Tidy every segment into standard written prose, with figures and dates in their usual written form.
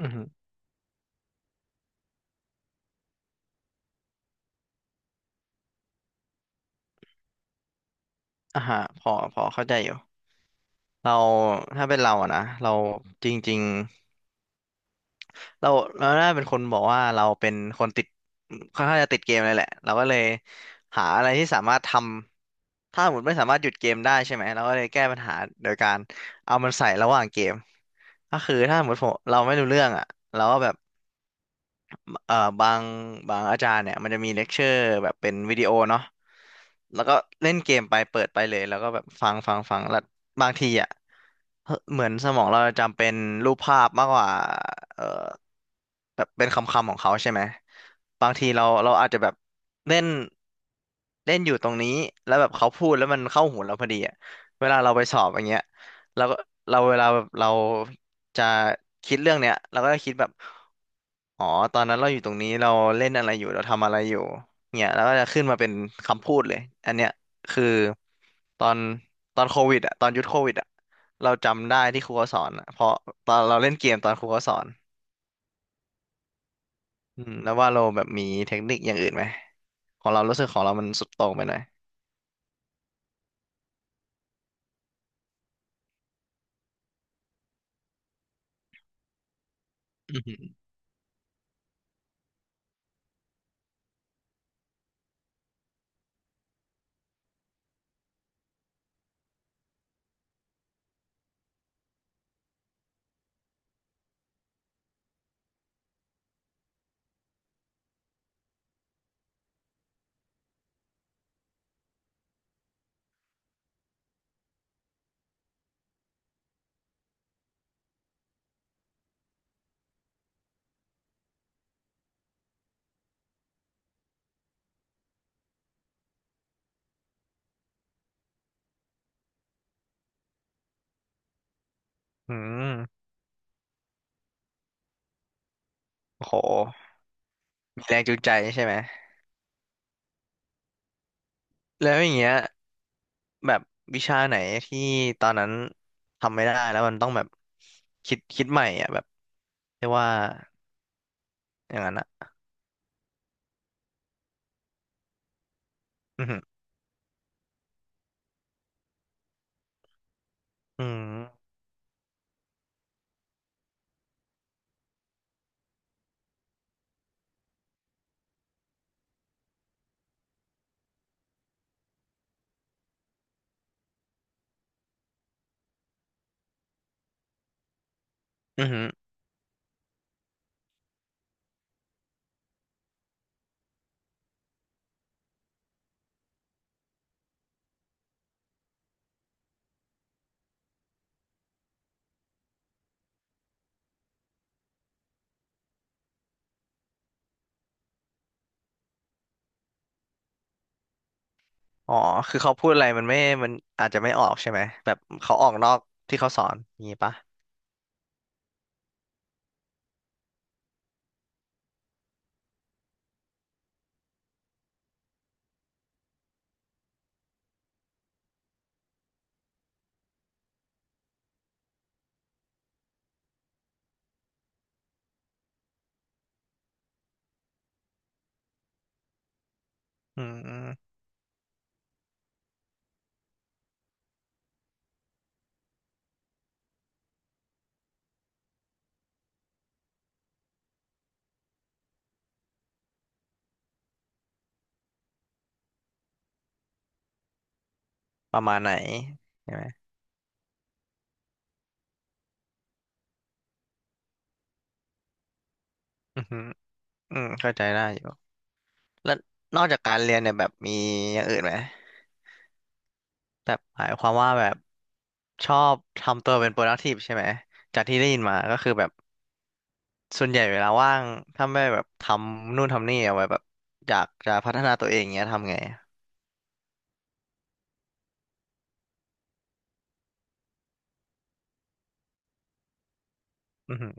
อือฮึอ่าฮะพอเข้าใจอยู่เราถ้าเป็นเราอะนะเราจริงๆเราน่าเป็นคนบอกว่าเราเป็นคนติดค่อนข้างจะติดเกมเลยแหละเราก็เลยหาอะไรที่สามารถทำถ้าสมมติไม่สามารถหยุดเกมได้ใช่ไหมเราก็เลยแก้ปัญหาโดยการเอามันใส่ระหว่างเกมก็คือถ้าสมมติผมเราไม่รู้เรื่องอะเราก็แบบ เอ่อบางบางอาจารย์เนี่ยมันจะมีเลคเชอร์แบบเป็นวิดีโอเนาะแล้วก็เล่นเกมไปเปิดไปเลยแล้วก็แบบฟังแล้วบางทีอ่ะเฮ้ยเหมือนสมองเราจำเป็นรูปภาพมากกว่าเอ่อแบบเป็นคำคำของเขาใช่ไหมบางทีเราอาจจะแบบเล่นเล่นอยู่ตรงนี้แล้วแบบเขาพูดแล้วมันเข้าหูเราพอดีอ่ะเวลาเราไปสอบอย่างเงี้ยเราก็เวลาแบบเราจะคิดเรื่องเนี้ยเราก็จะคิดแบบ อ๋อตอนนั้นเราอยู่ตรงนี้เราเล่นอะไรอยู่เราทำอะไรอยู่เนี่ยแล้วก็จะขึ้นมาเป็นคำพูดเลยอันเนี้ยคือตอนตอนโควิดอ่ะตอนยุคโควิดอ่ะเราจำได้ที่ครูเขาสอนอะเพราะตอนเราเล่นเกมตอนครูเขาสอนอืมแล้วว่าเราแบบมีเทคนิคอย่างอื่นไหมของเรารู้สึกของเรามันสุดโต่งไปหน่อยอืมออืมโอ้โหมีแรงจูงใจใช่ไหมแล้วอย่างเงี้ยแบบวิชาไหนที่ตอนนั้นทำไม่ได้แล้วมันต้องแบบคิดใหม่อ่ะแบบเรียกว่า อย่างนั้นอ่ะอือหืออืมอหือหืออ๋อคือเขาพูดอะไรมันไม่มันอาจจะไม่ออกใช่ไหมแบบเขาออกนอกที่เขาสอนอย่างนี้ปะอืมประมาณไหนใช่ไหมอือหืออืมเข้าใจได้อยู่แล้วนอกจากการเรียนเนี่ยแบบมีอย่างอื่นไหมแบบหมายความว่าแบบชอบทำตัวเป็น productive ใช่ไหมจากที่ได้ยินมาก็คือแบบส่วนใหญ่เวลาว่างถ้าไม่แบบทำนู่นทำนี่เอาไว้แบบอยากจะพัฒนาตัวเองเงี้ยทำไงอือหือ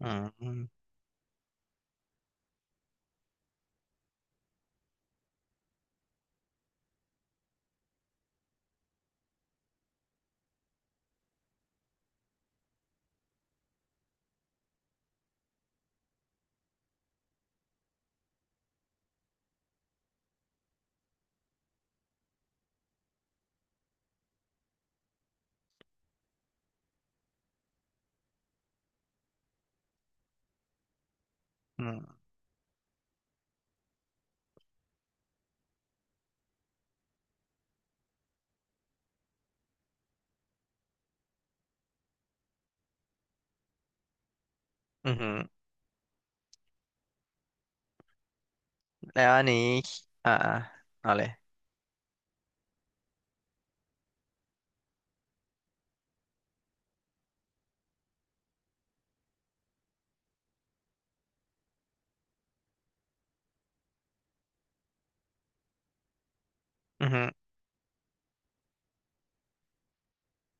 อืมอืมอืมอืม แล้วอันนี้อ่าเอาเลยอือฮึ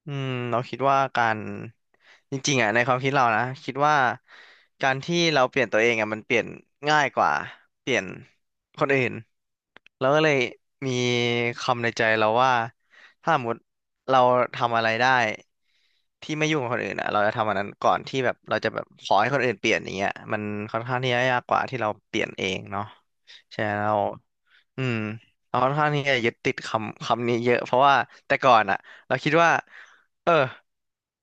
อืมเราคิดว่าการจริงๆอ่ะในความคิดเรานะคิดว่าการที่เราเปลี่ยนตัวเองอ่ะมันเปลี่ยนง่ายกว่าเปลี่ยนคนอื่นแล้วก็เลยมีคำในใจเราว่าถ้าสมมติเราทำอะไรได้ที่ไม่ยุ่งกับคนอื่นอ่ะเราจะทำอันนั้นก่อนที่แบบเราจะแบบขอให้คนอื่นเปลี่ยนอย่างเงี้ยมันค่อนข้างที่จะยากกว่าที่เราเปลี่ยนเองเนาะใช่แล้ว อืมเราค่อนข้างที่จะยึดติดคำคำนี้เยอะเพราะว่าแต่ก่อนอ่ะเราคิดว่าเออ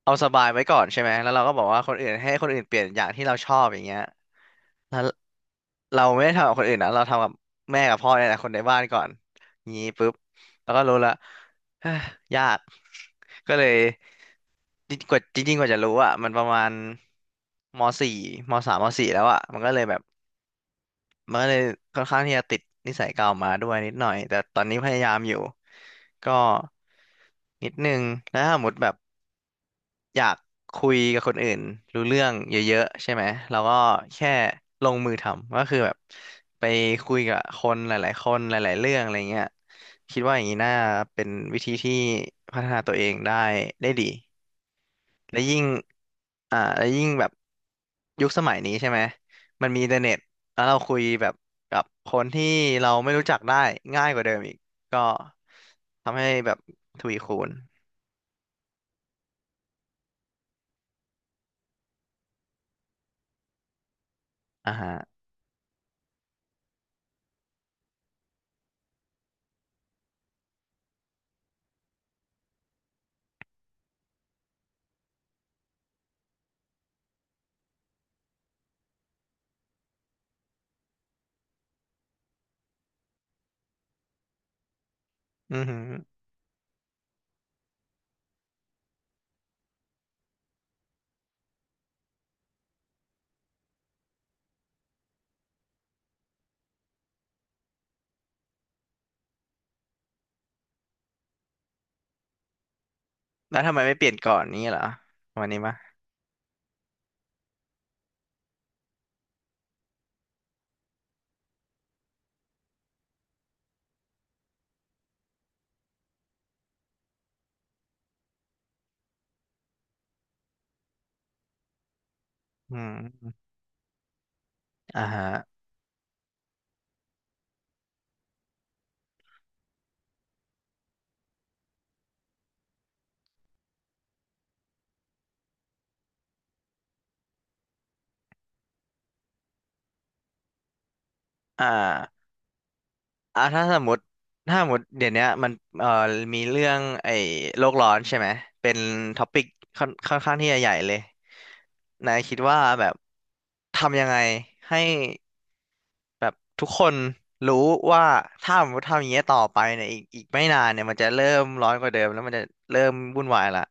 เอาสบายไว้ก่อนใช่ไหมแล้วเราก็บอกว่าคนอื่นให้คนอื่นเปลี่ยนอย่างที่เราชอบอย่างเงี้ยแล้วเราไม่ได้ทำกับคนอื่นนะเราทำกับแม่กับพ่อเนี่ยแหละคนในบ้านก่อนงี้ปุ๊บแล้วก็รู้ละเอ้อยากก็เลยจริงกว่าจริงๆกว่าจะรู้อ่ะมันประมาณมสี่มสามมสี่แล้วอ่ะมันก็เลยแบบ มันก็เลยค่อนข้างที่จะติดนิสัยเก่ามาด้วยนิดหน่อยแต่ตอนนี้พยายามอยู่ก็นิดนึงแล้วถ้าสมมติแบบอยากคุยกับคนอื่นรู้เรื่องเยอะๆใช่ไหมเราก็แค่ลงมือทำก็คือแบบไปคุยกับคนหลายๆคนหลายๆเรื่องอะไรเงี้ยคิดว่าอย่างนี้น่าเป็นวิธีที่พัฒนาตัวเองได้ได้ดี และยิ่งและยิ่งแบบยุคสมัยนี้ใช่ไหมมันมีอินเทอร์เน็ตแล้วเราคุยแบบกับคนที่เราไม่รู้จักได้ง่ายกว่าเดิมอีกก็ทำให้แบบทวีคูณอ่าฮะอือหือแล้วทำไมไม่เปลี่ยนก่อนนี้เหรอวันนี้มะอืมอ่าฮะอ่า อ่ะถ้าสมมติเดี๋ยวเนี้ยมันเอ่อมีเรื่องไอ้โลกร้อนใช่ไหมเป็นท็อปิกค่อนข้างที่จะใหญ่เลยนายคิดว่าแบบทำยังไงให้แบบทุกคนรู้ว่าถ้าสมมติทำอย่างเงี้ยต่อไปเนี่ยอีกไม่นานเนี่ยมันจะเริ่มร้อนกว่าเดิมแล้วมันจะเริ่มวุ่นวายละ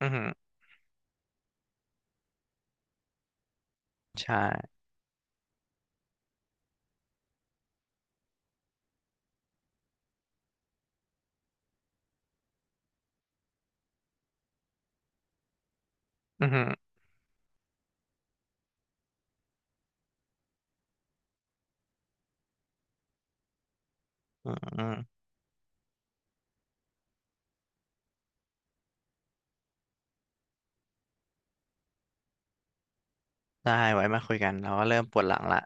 อือหือใช่อือหืออืออือได้ไว้มาคุยกันเราก็เริ่มปวดหลังละ